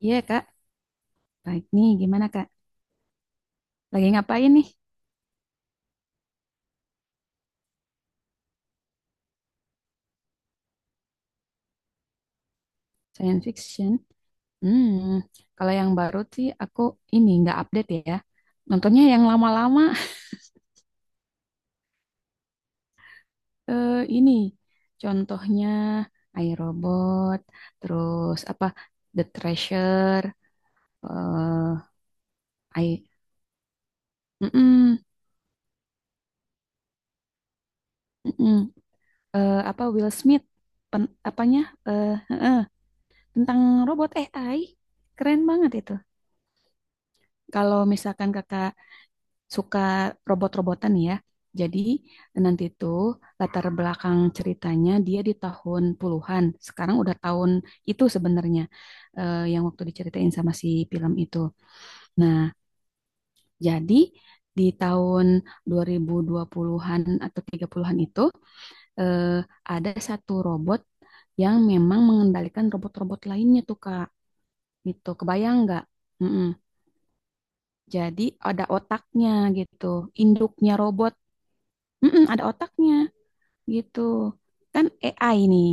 Iya, Kak. Baik nih, gimana, Kak? Lagi ngapain nih? Science fiction. Hmm, kalau yang baru sih aku ini nggak update ya. Nontonnya yang lama-lama. Ini contohnya I, robot. Terus apa The Treasure, eh I, Mm-mm, mm-mm. Apa Will Smith, apanya eh, eh, eh, tentang robot AI, keren banget itu. Kalau misalkan kakak suka robot-robotan ya. Jadi nanti tuh latar belakang ceritanya dia di tahun puluhan. Sekarang udah tahun itu sebenarnya yang waktu diceritain sama si film itu. Nah, jadi di tahun 2020-an atau 30-an itu eh, ada satu robot yang memang mengendalikan robot-robot lainnya tuh Kak. Gitu. Kebayang nggak? Mm-mm. Jadi ada otaknya gitu, induknya robot. Mm-mm, ada otaknya. Gitu. Kan AI nih,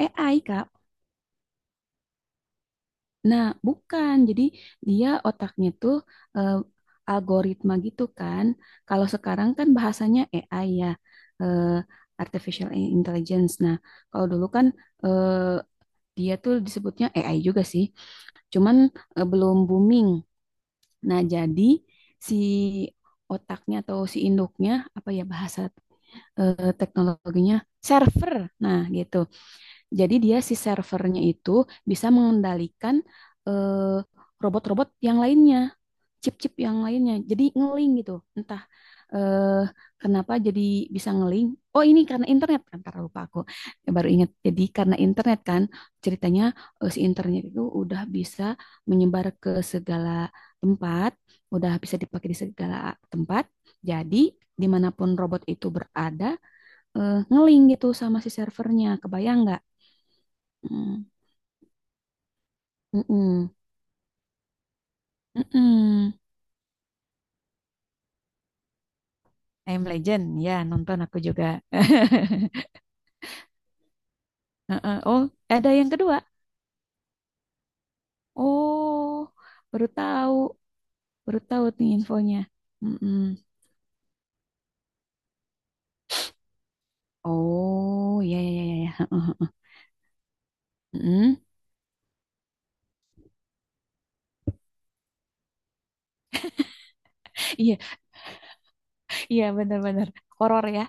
AI Kak. Nah, bukan. Jadi dia otaknya tuh eh, algoritma gitu kan. Kalau sekarang kan bahasanya AI ya, eh, artificial intelligence. Nah, kalau dulu kan eh, dia tuh disebutnya AI juga sih, cuman belum booming. Nah, jadi si otaknya atau si induknya apa ya bahasa teknologinya server. Nah, gitu. Jadi dia si servernya itu bisa mengendalikan eh, robot-robot yang lainnya, chip-chip yang lainnya. Jadi ngeling gitu. Entah eh, kenapa jadi bisa ngeling. Oh ini karena internet kan, karena lupa aku. Ya, baru ingat. Jadi karena internet kan, ceritanya si internet itu udah bisa menyebar ke segala tempat, udah bisa dipakai di segala tempat. Jadi dimanapun robot itu berada, ngeling gitu sama si servernya. Kebayang nggak? Hmm. Mm-mm. Mm-mm. I Am Legend, ya nonton aku juga. Heeh. Oh, ada yang kedua. Oh, baru tahu, baru tahu nih infonya. Mm-mm. Oh, ya ya ya ya. Heeh. Mm-mm. Iya, iya benar-benar horor ya.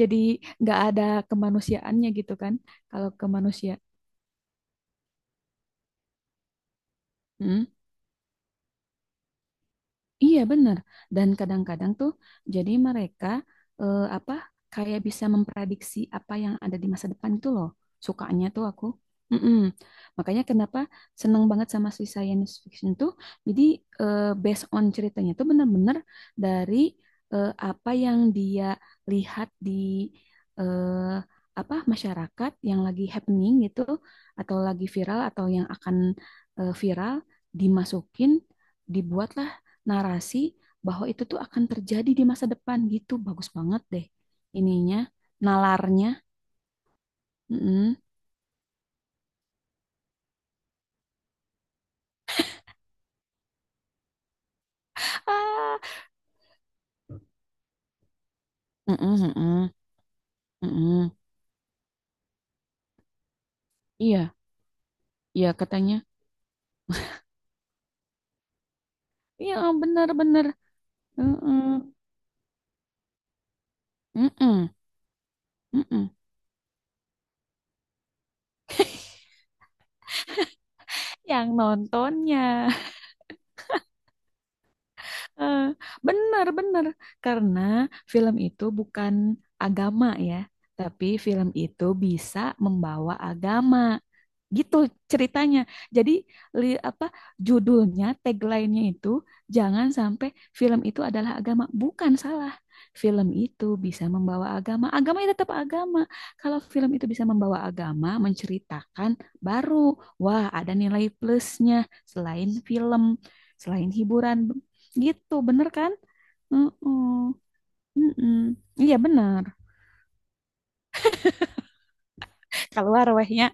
Jadi nggak ada kemanusiaannya gitu kan? Kalau kemanusiaan. Iya benar. Dan kadang-kadang tuh jadi mereka apa kayak bisa memprediksi apa yang ada di masa depan itu loh. Sukanya tuh aku. Mm-mm. Makanya kenapa seneng banget sama si science fiction tuh. Jadi based on ceritanya tuh benar-benar dari apa yang dia lihat di eh, apa masyarakat yang lagi happening gitu atau lagi viral atau yang akan viral dimasukin dibuatlah narasi bahwa itu tuh akan terjadi di masa depan gitu. Bagus banget deh ininya, nalarnya. Mm-mm. Ah, mm-mm, mm-mm, mm-mm. Iya, iya katanya. Iya, benar-benar. Mm-mm, mm-mm, mm-mm. Yang nontonnya. Bener-bener. Karena film itu bukan agama ya. Tapi film itu bisa membawa agama. Gitu ceritanya. Jadi apa judulnya, tagline-nya itu jangan sampai film itu adalah agama. Bukan salah. Film itu bisa membawa agama. Agama itu tetap agama. Kalau film itu bisa membawa agama, menceritakan baru wah ada nilai plusnya selain film, selain hiburan. Gitu, bener kan? Mm-mm. Mm-mm. Iya bener. Keluar wehnya.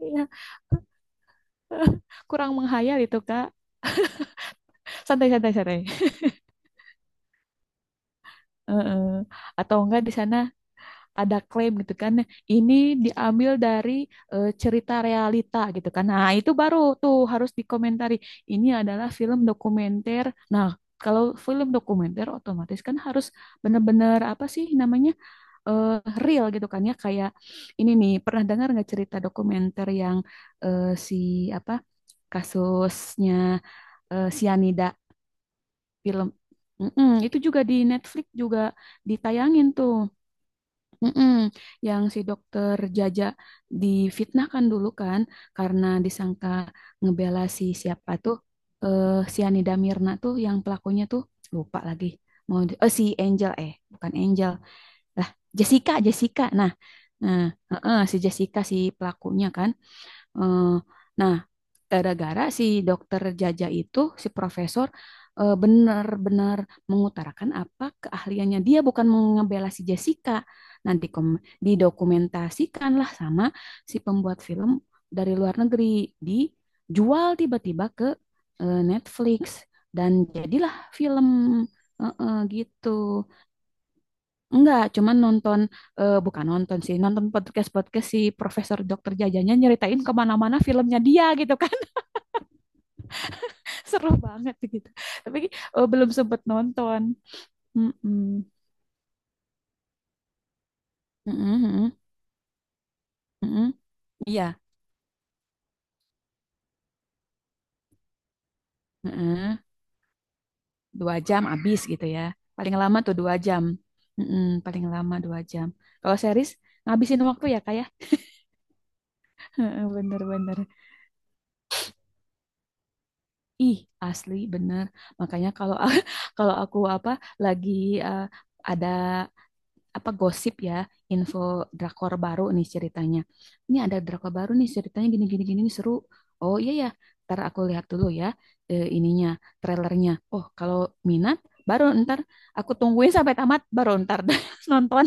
Iya. Kurang menghayal itu, Kak. Santai, santai, santai. Heeh. Atau enggak di sana ada klaim gitu kan. Ini diambil dari cerita realita gitu kan. Nah, itu baru tuh harus dikomentari. Ini adalah film dokumenter. Nah, kalau film dokumenter otomatis kan harus benar-benar apa sih namanya? eh, Real gitu kan ya kayak ini nih pernah dengar nggak cerita dokumenter yang si apa kasusnya sianida film. Mm-mm, itu juga di Netflix juga ditayangin tuh. Mm-mm. Yang si dokter Jaja difitnahkan dulu kan karena disangka ngebela si siapa tuh si Anida Mirna tuh yang pelakunya tuh lupa lagi, oh si Angel, eh bukan Angel lah, Jessica. Jessica, nah nah heeh, si Jessica si pelakunya kan. Eh, nah, gara-gara si dokter Jaja itu, si profesor benar-benar mengutarakan apa keahliannya, dia bukan mengebela si Jessica. Nanti didokumentasikanlah sama si pembuat film dari luar negeri, dijual tiba-tiba ke Netflix dan jadilah film gitu. Enggak, cuman nonton, eh, bukan nonton sih, nonton podcast-podcast si Profesor Dokter Jajanya nyeritain kemana-mana filmnya dia gitu kan. Seru banget gitu. Tapi belum sempet nonton. Mm-mm. Mm-mm, mm-mm, mm-mm. Iya, mm-mm. 2 jam habis gitu ya. Paling lama tuh 2 jam. Mm-mm, paling lama 2 jam. Kalau series, ngabisin waktu ya kayak bener-bener. Ih, asli bener. Makanya kalau kalau aku apa lagi eh, ada apa gosip ya, info drakor baru nih ceritanya, ini ada drakor baru nih ceritanya gini gini gini nih seru, oh iya ya, ntar aku lihat dulu ya, ininya trailernya, oh kalau minat baru ntar aku tungguin sampai tamat baru ntar nonton,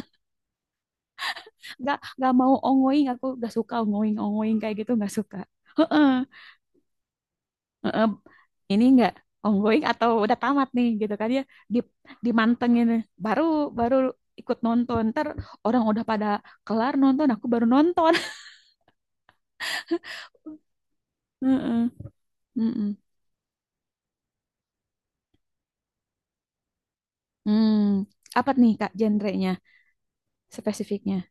nggak mau ongoing, aku nggak suka ongoing ongoing kayak gitu, nggak suka. Heeh. Heeh, ini enggak ongoing atau udah tamat nih gitu kan ya, di dimantengin, baru baru ikut nonton ntar, orang udah pada kelar nonton aku baru nonton. Heeh, heeh. Hmm, apa nih Kak genrenya, spesifiknya,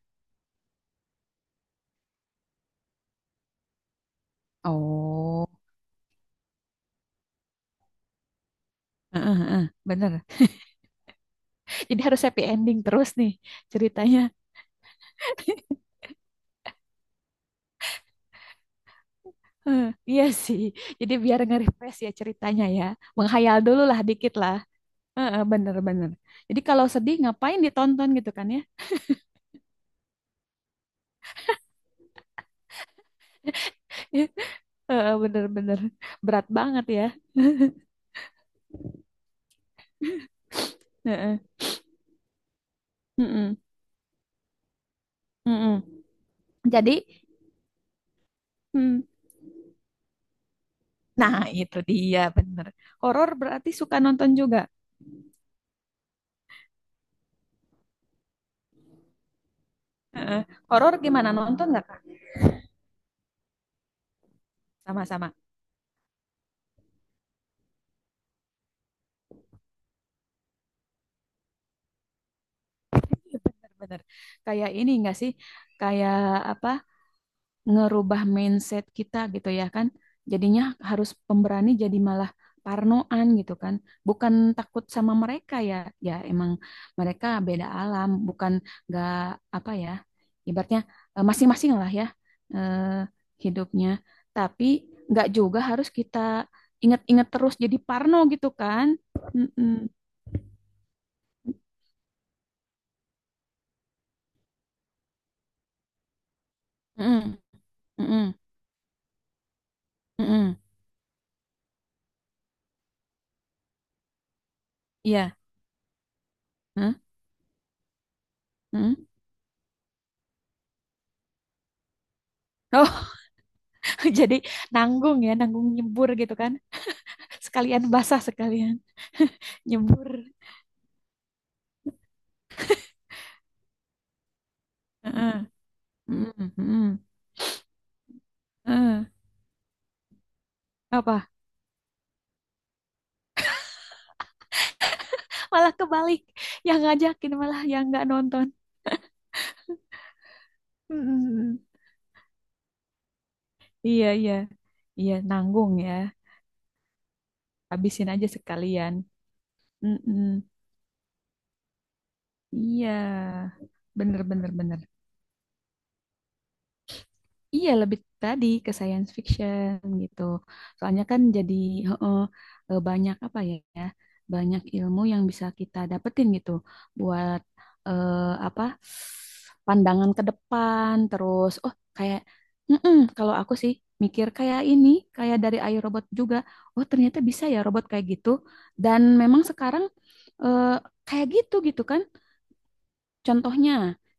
oh heeh, heeh, bener, jadi harus happy ending terus nih ceritanya. Heeh, iya sih, jadi biar nge-refresh ya ceritanya ya, menghayal dulu lah dikit lah. Heeh, bener bener, jadi kalau sedih ngapain ditonton gitu kan ya. Heeh, bener-bener berat banget ya. Heeh, mm-mm, mm-mm. Jadi, mm, nah itu dia bener. Horor berarti suka nonton juga. Heeh. Horor gimana nonton nggak Kak? Sama-sama. Iya, bener-bener. Kayak ini nggak sih? Kayak apa? Ngerubah mindset kita gitu ya kan. Jadinya harus pemberani jadi malah parnoan gitu kan. Bukan takut sama mereka ya. Ya emang mereka beda alam, bukan nggak apa ya. Ibaratnya masing-masing lah ya, eh, hidupnya. Tapi nggak juga harus kita ingat-ingat terus jadi parno gitu kan. Mm-mm. Mm-mm. Mm-mm. Mm-mm. Iya. Hah? Mm-mm. Oh, jadi nanggung ya, nanggung nyebur gitu kan. Sekalian basah sekalian nyembur. Heeh. Mm, mm, mm. Apa malah kebalik, yang ngajakin malah yang nggak nonton. Mm, mm. Mm. Iya iya iya, nanggung ya, habisin aja sekalian. Mm, mm. Iya bener bener bener. Iya, lebih tadi ke science fiction gitu. Soalnya kan jadi heeh, banyak apa ya, ya, banyak ilmu yang bisa kita dapetin gitu buat eh, apa pandangan ke depan. Terus, oh kayak, mm-mm, kalau aku sih mikir kayak ini, kayak dari iRobot juga. Oh ternyata bisa ya robot kayak gitu. Dan memang sekarang eh, kayak gitu gitu kan. Contohnya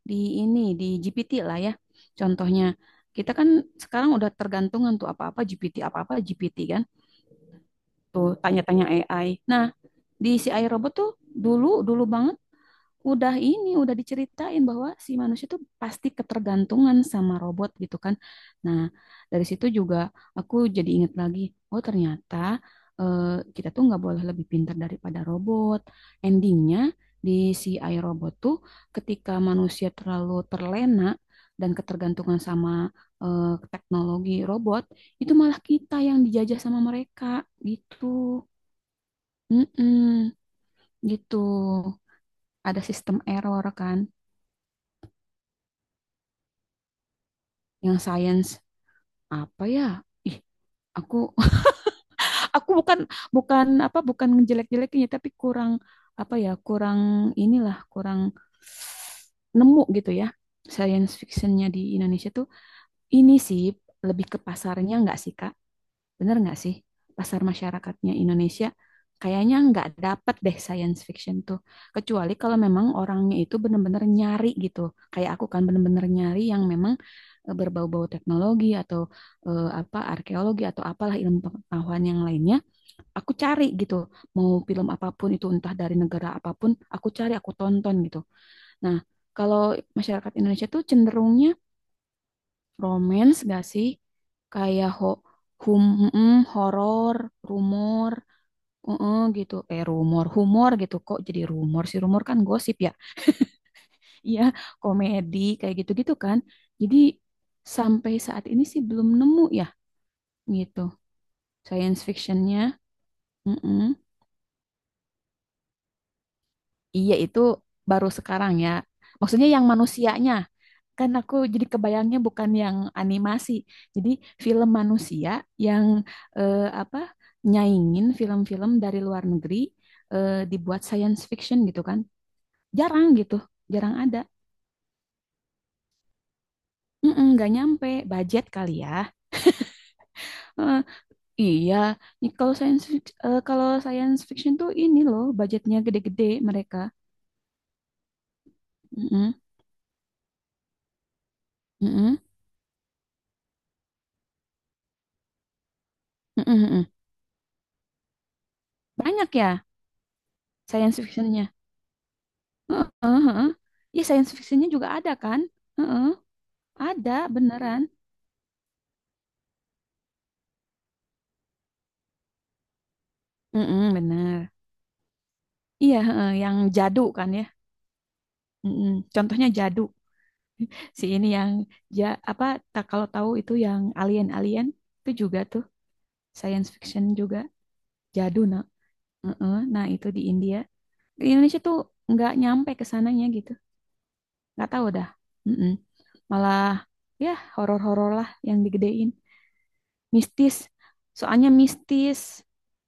di ini di GPT lah ya. Contohnya kita kan sekarang udah tergantungan tuh apa-apa GPT, apa-apa GPT kan. Tuh tanya-tanya AI. Nah, di si AI robot tuh dulu dulu banget udah ini udah diceritain bahwa si manusia tuh pasti ketergantungan sama robot gitu kan. Nah, dari situ juga aku jadi inget lagi, oh ternyata eh, kita tuh nggak boleh lebih pintar daripada robot. Endingnya di si iRobot tuh ketika manusia terlalu terlena dan ketergantungan sama eh, teknologi robot, itu malah kita yang dijajah sama mereka gitu. Mm-mm, gitu. Ada sistem error kan. Yang science apa ya? Ih, aku aku bukan bukan apa bukan ngejelek-jelekinnya, tapi kurang apa ya? Kurang inilah, kurang nemu gitu ya. Science fictionnya di Indonesia tuh ini sih lebih ke pasarnya nggak sih, Kak? Bener nggak sih? Pasar masyarakatnya Indonesia kayaknya nggak dapat deh science fiction tuh. Kecuali kalau memang orangnya itu bener-bener nyari gitu. Kayak aku kan bener-bener nyari yang memang berbau-bau teknologi atau apa arkeologi atau apalah ilmu pengetahuan yang lainnya. Aku cari gitu. Mau film apapun itu entah dari negara apapun, aku cari, aku tonton gitu. Nah, kalau masyarakat Indonesia tuh cenderungnya romance gak sih? Kayak hum horor, rumor, gitu. Eh rumor, humor gitu. Kok jadi rumor sih? Rumor kan gosip ya. Iya, komedi kayak gitu-gitu kan. Jadi sampai saat ini sih belum nemu ya gitu. Science fictionnya, mm Iya itu baru sekarang ya. Maksudnya yang manusianya, kan aku jadi kebayangnya bukan yang animasi. Jadi film manusia yang apa nyaingin film-film dari luar negeri dibuat science fiction gitu kan. Jarang gitu, jarang ada. Mm-mm, nggak nyampe budget kali ya. Eh, iya, ini kalau kalau science fiction tuh ini loh budgetnya gede-gede mereka. Mm-mm, mm-mm, mm-mm, mm-mm. Banyak ya science fictionnya. Heeh, heeh. Iya, science fictionnya juga ada kan? Heeh. Ada beneran. Mm-mm, bener. Iya, heeh, yang jadu kan ya. Mm-mm. Contohnya jadu. Si ini yang ja apa tak kalau tahu itu yang alien-alien itu juga tuh science fiction juga jadu nah. Heeh, nah, itu di India. Di Indonesia tuh nggak nyampe ke sananya gitu. Nggak tahu dah. Mm-mm. Malah ya horor-horor lah yang digedein. Mistis. Soalnya mistis.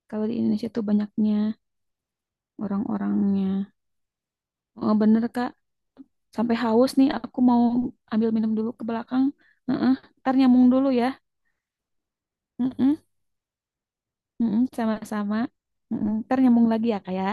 Kalau di Indonesia tuh banyaknya orang-orangnya. Oh, bener Kak. Sampai haus nih, aku mau ambil minum dulu ke belakang. Heeh, ntar nyambung dulu ya. Heeh, heeh, sama-sama. Heeh, ntar nyambung lagi ya, Kak ya.